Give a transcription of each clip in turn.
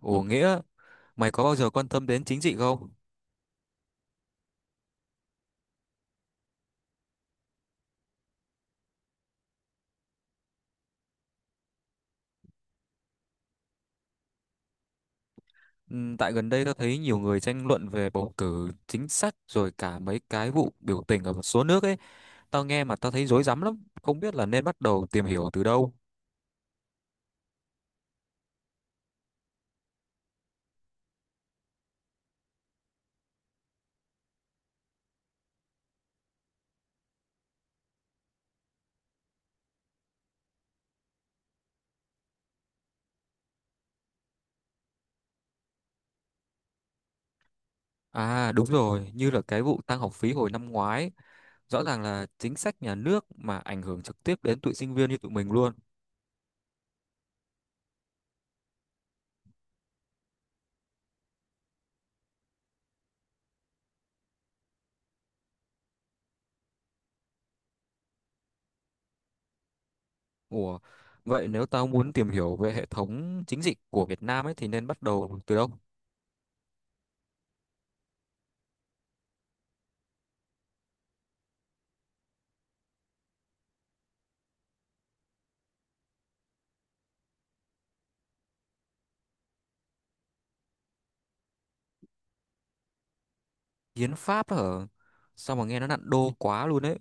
Ủa Nghĩa, mày có bao giờ quan tâm đến chính trị không? Tại gần đây tao thấy nhiều người tranh luận về bầu cử chính sách rồi cả mấy cái vụ biểu tình ở một số nước ấy. Tao nghe mà tao thấy rối rắm lắm, không biết là nên bắt đầu tìm hiểu từ đâu. À đúng rồi, như là cái vụ tăng học phí hồi năm ngoái, rõ ràng là chính sách nhà nước mà ảnh hưởng trực tiếp đến tụi sinh viên như tụi mình luôn. Ủa, vậy nếu tao muốn tìm hiểu về hệ thống chính trị của Việt Nam ấy thì nên bắt đầu từ đâu? Hiến pháp hả? Sao mà nghe nó nặng đô quá luôn ấy.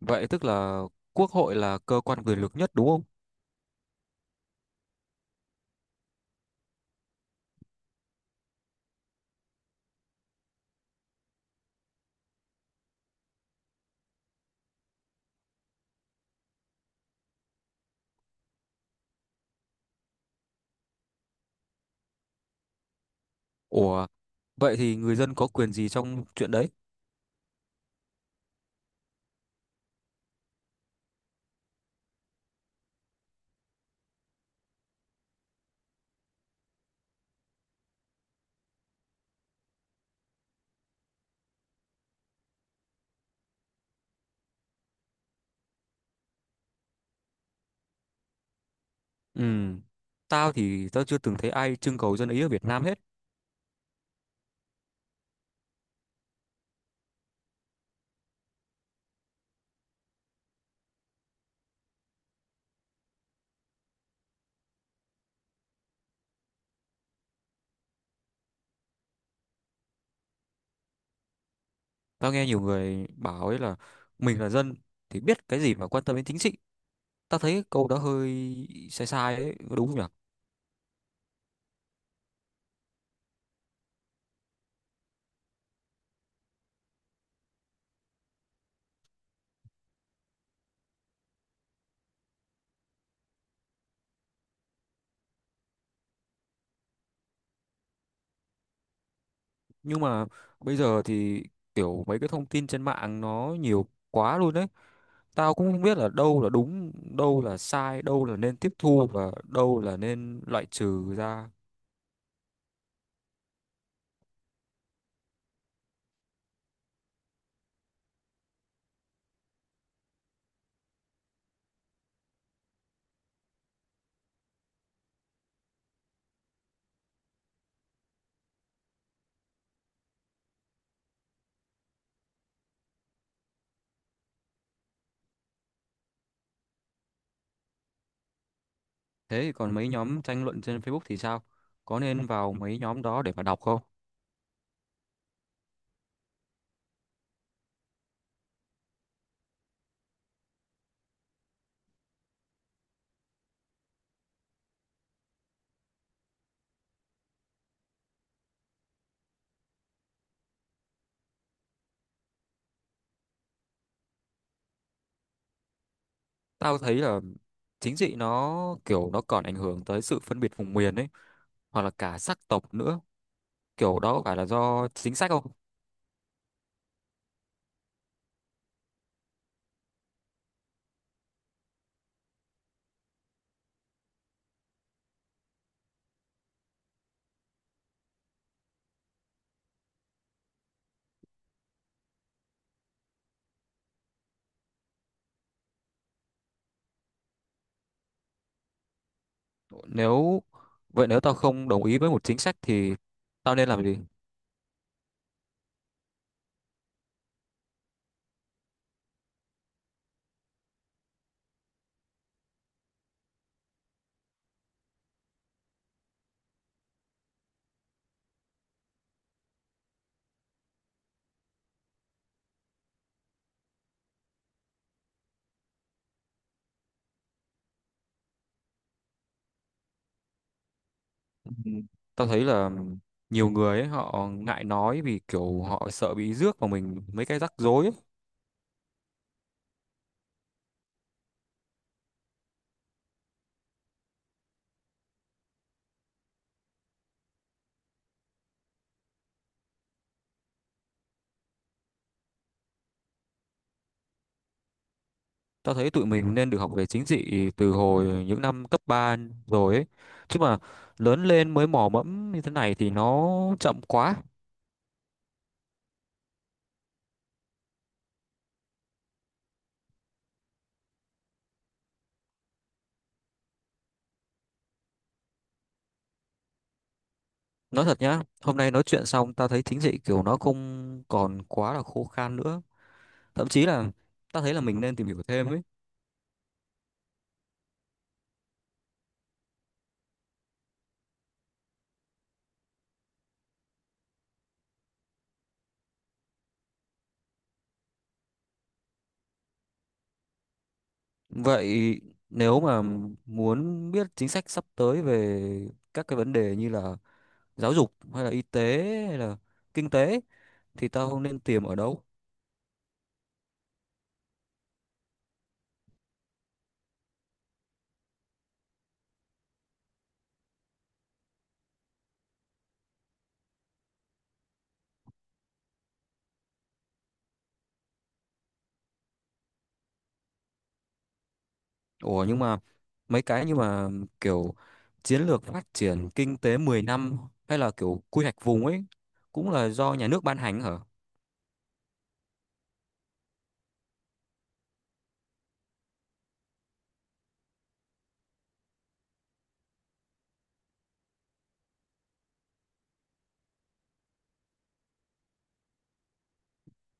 Vậy tức là quốc hội là cơ quan quyền lực nhất đúng không? Ủa, vậy thì người dân có quyền gì trong chuyện đấy? Ừ, tao thì tao chưa từng thấy ai trưng cầu dân ý ở Việt Nam hết. Tao nghe nhiều người bảo ấy là mình là dân thì biết cái gì mà quan tâm đến chính trị. Tao thấy câu đó hơi sai sai ấy, có đúng không nhỉ? Nhưng mà bây giờ thì kiểu mấy cái thông tin trên mạng nó nhiều quá luôn đấy. Tao cũng không biết là đâu là đúng, đâu là sai, đâu là nên tiếp thu và đâu là nên loại trừ ra. Thế còn mấy nhóm tranh luận trên Facebook thì sao? Có nên vào mấy nhóm đó để mà đọc không? Tao thấy là chính trị nó kiểu nó còn ảnh hưởng tới sự phân biệt vùng miền ấy, hoặc là cả sắc tộc nữa. Kiểu đó có phải là do chính sách không? Nếu vậy nếu tao không đồng ý với một chính sách thì tao nên làm gì? Ừ, Tao thấy là nhiều người ấy, họ ngại nói vì kiểu họ sợ bị rước vào mình mấy cái rắc rối ấy. Tao thấy tụi mình nên được học về chính trị từ hồi những năm cấp 3 rồi ấy. Chứ mà lớn lên mới mò mẫm như thế này thì nó chậm quá. Nói thật nhá, hôm nay nói chuyện xong tao thấy chính trị kiểu nó không còn quá là khô khan nữa. Thậm chí là tao thấy là mình nên tìm hiểu thêm ấy. Vậy nếu mà muốn biết chính sách sắp tới về các cái vấn đề như là giáo dục hay là y tế hay là kinh tế thì tao nên tìm ở đâu? Ủa nhưng mà mấy cái như mà kiểu chiến lược phát triển kinh tế 10 năm hay là kiểu quy hoạch vùng ấy cũng là do nhà nước ban hành hả?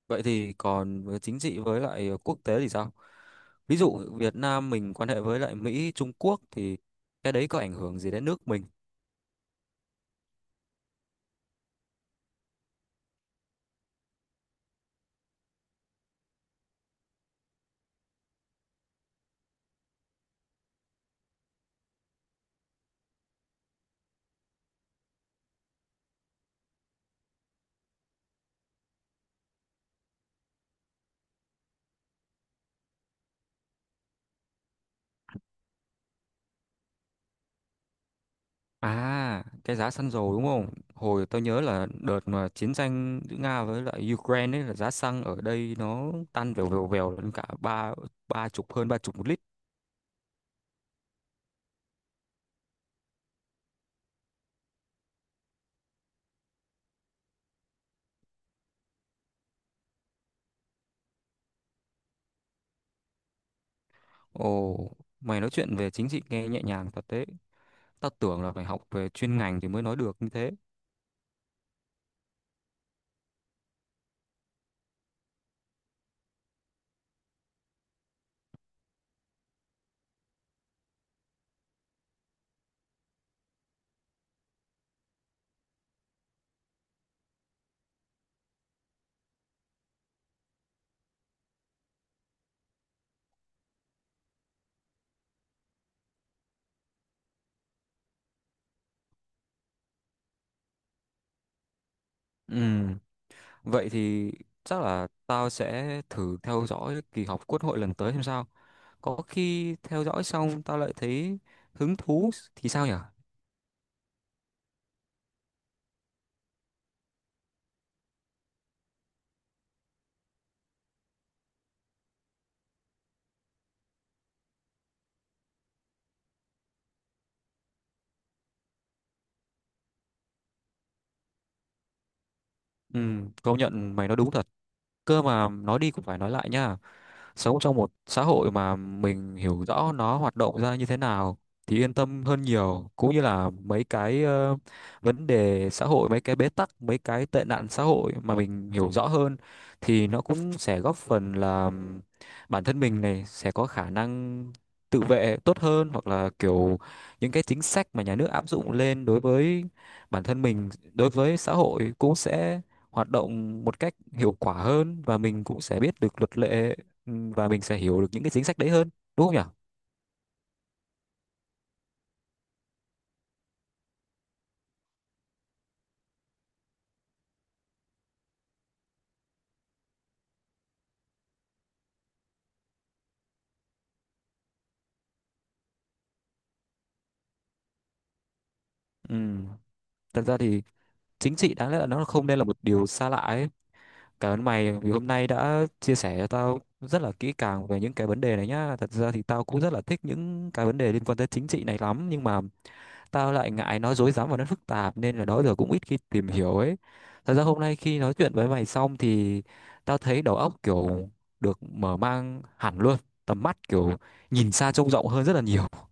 Vậy thì còn với chính trị với lại quốc tế thì sao? Ví dụ Việt Nam mình quan hệ với lại Mỹ, Trung Quốc thì cái đấy có ảnh hưởng gì đến nước mình? À, cái giá xăng dầu đúng không? Hồi tôi nhớ là đợt mà chiến tranh giữa Nga với lại Ukraine ấy là giá xăng ở đây nó tăng vèo vèo vèo lên cả ba ba chục hơn 30 một lít. Ồ, mày nói chuyện về chính trị nghe nhẹ nhàng thật đấy. Tao tưởng là phải học về chuyên ngành thì mới nói được như thế. Ừ, vậy thì chắc là tao sẽ thử theo dõi kỳ họp quốc hội lần tới xem sao. Có khi theo dõi xong tao lại thấy hứng thú thì sao nhở? Ừ, công nhận mày nói đúng thật. Cơ mà nói đi cũng phải nói lại nhá. Sống trong một xã hội mà mình hiểu rõ nó hoạt động ra như thế nào thì yên tâm hơn nhiều, cũng như là mấy cái vấn đề xã hội, mấy cái bế tắc, mấy cái tệ nạn xã hội mà mình hiểu rõ hơn thì nó cũng sẽ góp phần là bản thân mình này sẽ có khả năng tự vệ tốt hơn, hoặc là kiểu những cái chính sách mà nhà nước áp dụng lên đối với bản thân mình, đối với xã hội cũng sẽ hoạt động một cách hiệu quả hơn, và mình cũng sẽ biết được luật lệ. Ừ, và mình sẽ hiểu được những cái chính sách đấy hơn, đúng không nhỉ? Ừ. Thật ra thì chính trị đáng lẽ là nó không nên là một điều xa lạ ấy. Cảm ơn mày vì hôm nay đã chia sẻ cho tao rất là kỹ càng về những cái vấn đề này nhá. Thật ra thì tao cũng rất là thích những cái vấn đề liên quan tới chính trị này lắm, nhưng mà tao lại ngại nó rối rắm và nó phức tạp nên là đó giờ cũng ít khi tìm hiểu ấy. Thật ra hôm nay khi nói chuyện với mày xong thì tao thấy đầu óc kiểu được mở mang hẳn luôn, tầm mắt kiểu nhìn xa trông rộng hơn rất là nhiều.